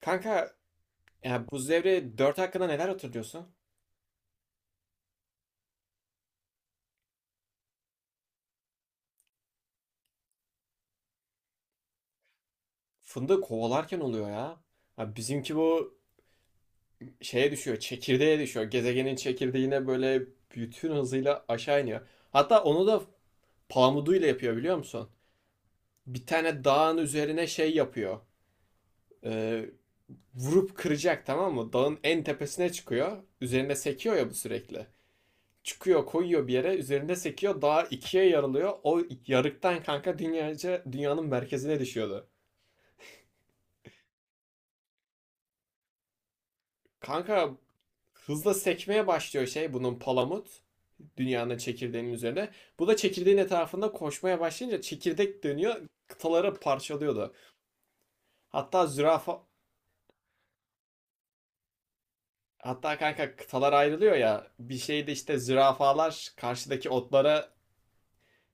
Kanka, ya Buz Devri 4 hakkında neler hatırlıyorsun? Fındığı kovalarken oluyor ya. Ya bizimki bu şeye düşüyor, çekirdeğe düşüyor. Gezegenin çekirdeğine böyle bütün hızıyla aşağı iniyor. Hatta onu da pamuduyla yapıyor biliyor musun? Bir tane dağın üzerine şey yapıyor. Ee, Vurup kıracak, tamam mı? Dağın en tepesine çıkıyor. Üzerinde sekiyor ya bu sürekli. Çıkıyor, koyuyor bir yere, üzerinde sekiyor, dağ ikiye yarılıyor. O yarıktan kanka dünyanın merkezine düşüyordu. Kanka, hızla sekmeye başlıyor şey bunun palamut. Dünyanın çekirdeğinin üzerine. Bu da çekirdeğin etrafında koşmaya başlayınca çekirdek dönüyor. Kıtaları parçalıyordu. Hatta zürafa hatta kanka kıtalar ayrılıyor ya. Bir şeyde işte zürafalar karşıdaki otlara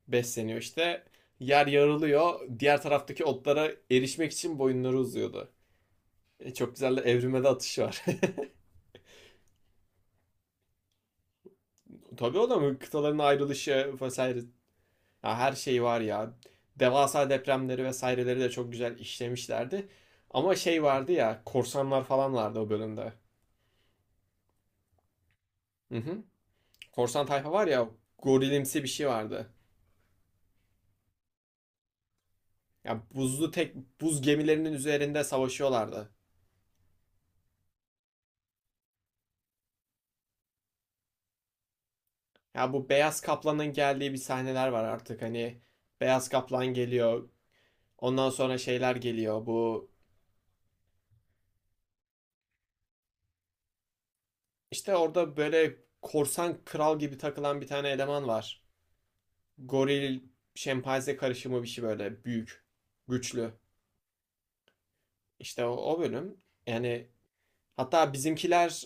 besleniyor işte. Yer yarılıyor. Diğer taraftaki otlara erişmek için boyunları uzuyordu. Çok güzel, de evrime de atışı var. Tabii o da mı, kıtaların ayrılışı vesaire. Ya her şey var ya. Devasa depremleri vesaireleri de çok güzel işlemişlerdi. Ama şey vardı ya, korsanlar falan vardı o bölümde. Hı hı. Korsan tayfa var ya, gorilimsi bir şey vardı. Ya buz gemilerinin üzerinde savaşıyorlardı. Ya bu beyaz kaplanın geldiği bir sahneler var artık, hani beyaz kaplan geliyor. Ondan sonra şeyler geliyor. Bu işte orada böyle korsan kral gibi takılan bir tane eleman var. Goril şempanze karışımı bir şey, böyle büyük, güçlü. İşte o bölüm. Yani hatta bizimkiler,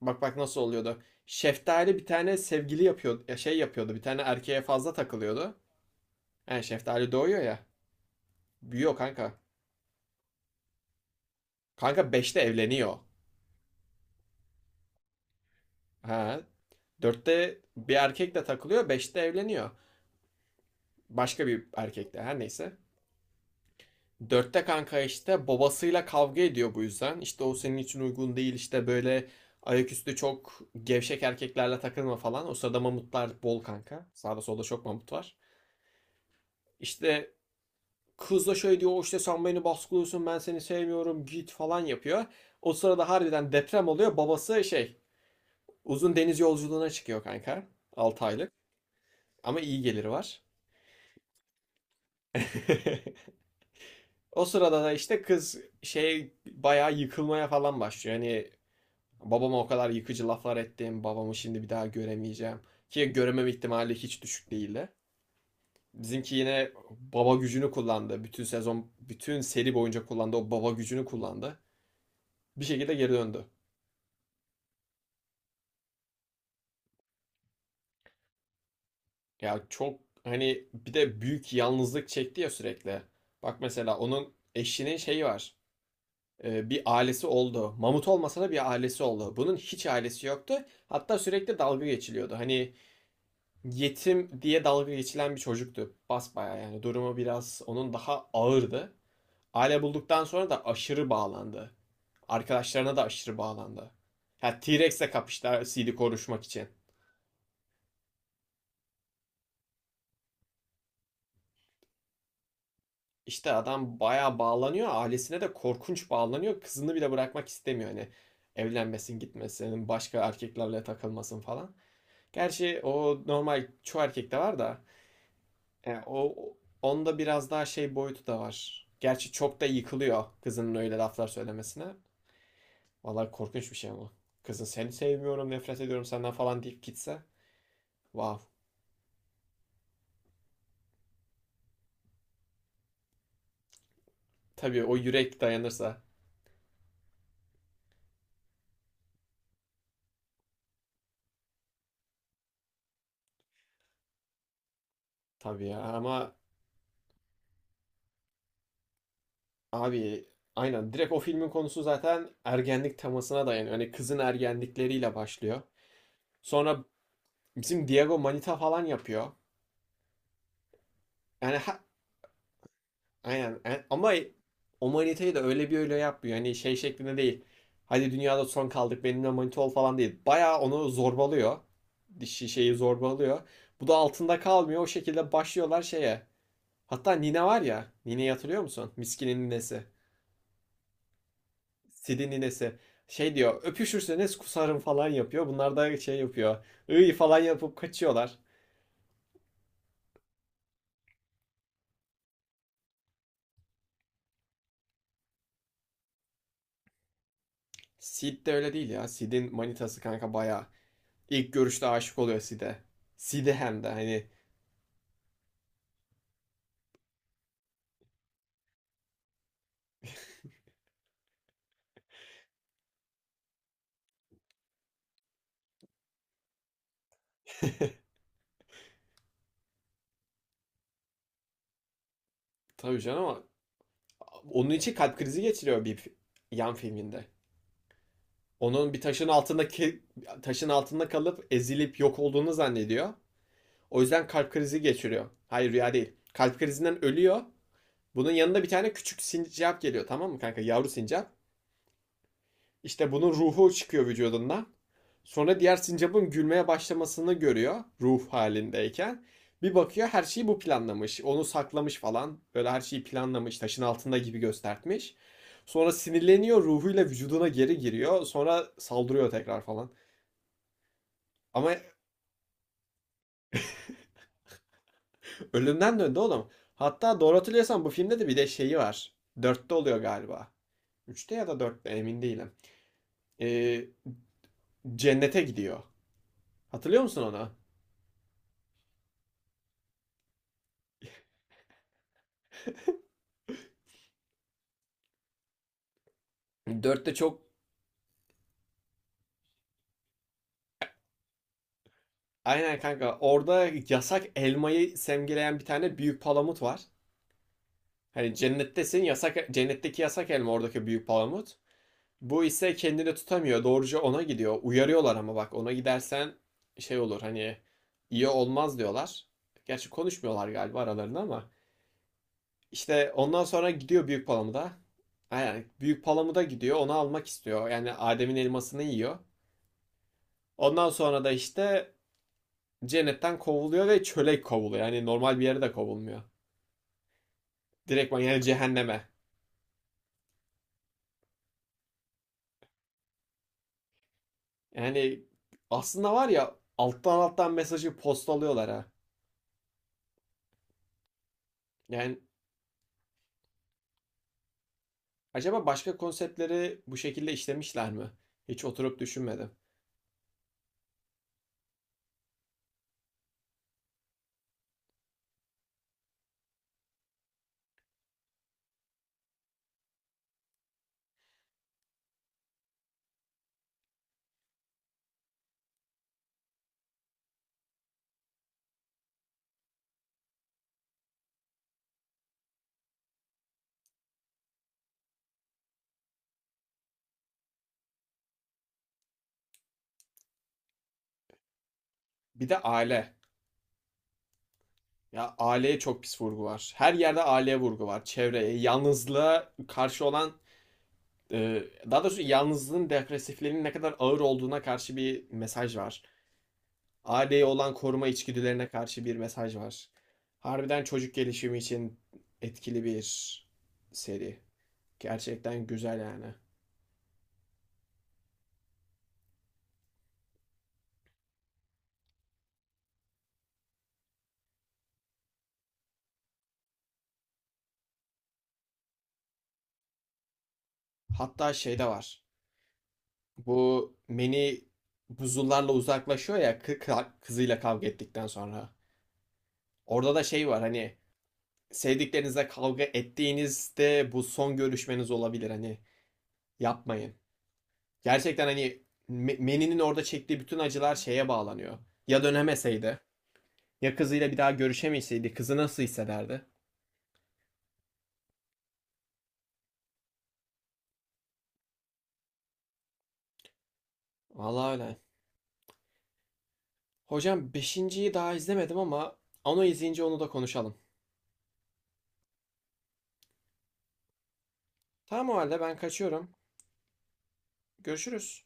bak bak nasıl oluyordu. Şeftali bir tane sevgili yapıyordu, ya şey yapıyordu. Bir tane erkeğe fazla takılıyordu. Yani şeftali doğuyor ya. Büyüyor kanka. Kanka beşte evleniyor. Ha. Dörtte bir erkekle takılıyor, beşte evleniyor. Başka bir erkekle, her neyse. Dörtte kanka işte babasıyla kavga ediyor bu yüzden. İşte o senin için uygun değil, işte böyle ayaküstü çok gevşek erkeklerle takılma falan. O sırada mamutlar bol kanka. Sağda solda çok mamut var. İşte kız da şöyle diyor, "O işte sen beni baskılıyorsun, ben seni sevmiyorum, git" falan yapıyor. O sırada harbiden deprem oluyor. Babası şey, uzun deniz yolculuğuna çıkıyor kanka. 6 aylık. Ama iyi geliri var. O sırada da işte kız şey bayağı yıkılmaya falan başlıyor. Yani, babama o kadar yıkıcı laflar ettim, babamı şimdi bir daha göremeyeceğim. Ki göremem ihtimali hiç düşük değildi. Bizimki yine baba gücünü kullandı. Bütün sezon, bütün seri boyunca kullandı. O baba gücünü kullandı. Bir şekilde geri döndü. Ya çok, hani bir de büyük yalnızlık çekti ya sürekli. Bak mesela onun eşinin şeyi var. Bir ailesi oldu. Mamut olmasa da bir ailesi oldu. Bunun hiç ailesi yoktu. Hatta sürekli dalga geçiliyordu. Hani yetim diye dalga geçilen bir çocuktu. Basbayağı yani durumu biraz onun daha ağırdı. Aile bulduktan sonra da aşırı bağlandı. Arkadaşlarına da aşırı bağlandı. Ha, T-Rex'le kapıştılar CD konuşmak için. İşte adam bayağı bağlanıyor. Ailesine de korkunç bağlanıyor. Kızını bile bırakmak istemiyor. Hani evlenmesin, gitmesin, başka erkeklerle takılmasın falan. Gerçi o normal, çoğu erkekte var da o onda biraz daha şey boyutu da var. Gerçi çok da yıkılıyor kızının öyle laflar söylemesine. Vallahi korkunç bir şey ama. Kızın "seni sevmiyorum, nefret ediyorum senden" falan deyip gitse. Vav. Tabii o yürek dayanırsa. Tabii ya ama abi, aynen, direkt o filmin konusu zaten ergenlik temasına dayanıyor. Hani kızın ergenlikleriyle başlıyor. Sonra bizim Diego Manita falan yapıyor. Yani aynen. Ama o manitayı da öyle bir öyle yapmıyor. Hani şey şeklinde değil. "Hadi dünyada son kaldık, benimle manita ol" falan değil. Bayağı onu zorbalıyor. Dişi şeyi zorbalıyor. Bu da altında kalmıyor. O şekilde başlıyorlar şeye. Hatta Nine var ya. Nine'yi hatırlıyor musun? Miskin'in ninesi. Sid'in ninesi. Şey diyor, "öpüşürseniz kusarım" falan yapıyor. Bunlar da şey yapıyor, Iy falan yapıp kaçıyorlar. Sid de öyle değil ya. Sid'in manitası kanka bayağı. İlk görüşte aşık oluyor Sid'e. Sid'e, hem de hani. Tabii canım ama onun için kalp krizi geçiriyor bir yan filminde. Onun bir taşın altında kalıp ezilip yok olduğunu zannediyor. O yüzden kalp krizi geçiriyor. Hayır, rüya değil. Kalp krizinden ölüyor. Bunun yanında bir tane küçük sincap geliyor, tamam mı kanka? Yavru sincap. İşte bunun ruhu çıkıyor vücudundan. Sonra diğer sincapın gülmeye başlamasını görüyor ruh halindeyken. Bir bakıyor, her şeyi bu planlamış. Onu saklamış falan. Böyle her şeyi planlamış. Taşın altında gibi göstertmiş. Sonra sinirleniyor, ruhuyla vücuduna geri giriyor. Sonra saldırıyor tekrar falan. Ama ölümden döndü oğlum. Hatta doğru hatırlıyorsam, bu filmde de bir de şeyi var. Dörtte oluyor galiba. Üçte ya da dörtte emin değilim. Ee, cennete gidiyor. Hatırlıyor musun onu? Dörtte çok. Aynen kanka. Orada yasak elmayı simgeleyen bir tane büyük palamut var. Hani cennettesin, yasak cennetteki yasak elma oradaki büyük palamut. Bu ise kendini tutamıyor. Doğruca ona gidiyor. Uyarıyorlar, ama bak ona gidersen şey olur, hani iyi olmaz diyorlar. Gerçi konuşmuyorlar galiba aralarında ama. İşte ondan sonra gidiyor büyük palamuda. Aynen, büyük palamuda gidiyor, onu almak istiyor. Yani Adem'in elmasını yiyor. Ondan sonra da işte cennetten kovuluyor ve çöle kovuluyor. Yani normal bir yere de kovulmuyor. Direktman yani cehenneme. Yani aslında var ya, alttan alttan mesajı postalıyorlar ha. Yani acaba başka konseptleri bu şekilde işlemişler mi? Hiç oturup düşünmedim. Bir de aile. Ya aileye çok pis vurgu var. Her yerde aileye vurgu var. Çevreye, yalnızlığa karşı olan, Ee, daha doğrusu yalnızlığın, depresiflerin ne kadar ağır olduğuna karşı bir mesaj var. Aileye olan koruma içgüdülerine karşı bir mesaj var. Harbiden çocuk gelişimi için etkili bir seri. Gerçekten güzel yani. Hatta şey de var. Bu Manny buzullarla uzaklaşıyor ya, kızıyla kavga ettikten sonra. Orada da şey var, hani sevdiklerinizle kavga ettiğinizde bu son görüşmeniz olabilir. Hani yapmayın. Gerçekten hani, Manny'nin orada çektiği bütün acılar şeye bağlanıyor. Ya dönemeseydi, ya kızıyla bir daha görüşemeseydi, kızı nasıl hissederdi? Vallahi öyle. Hocam, beşinciyi daha izlemedim, ama onu izleyince onu da konuşalım. Tamam, o halde ben kaçıyorum. Görüşürüz.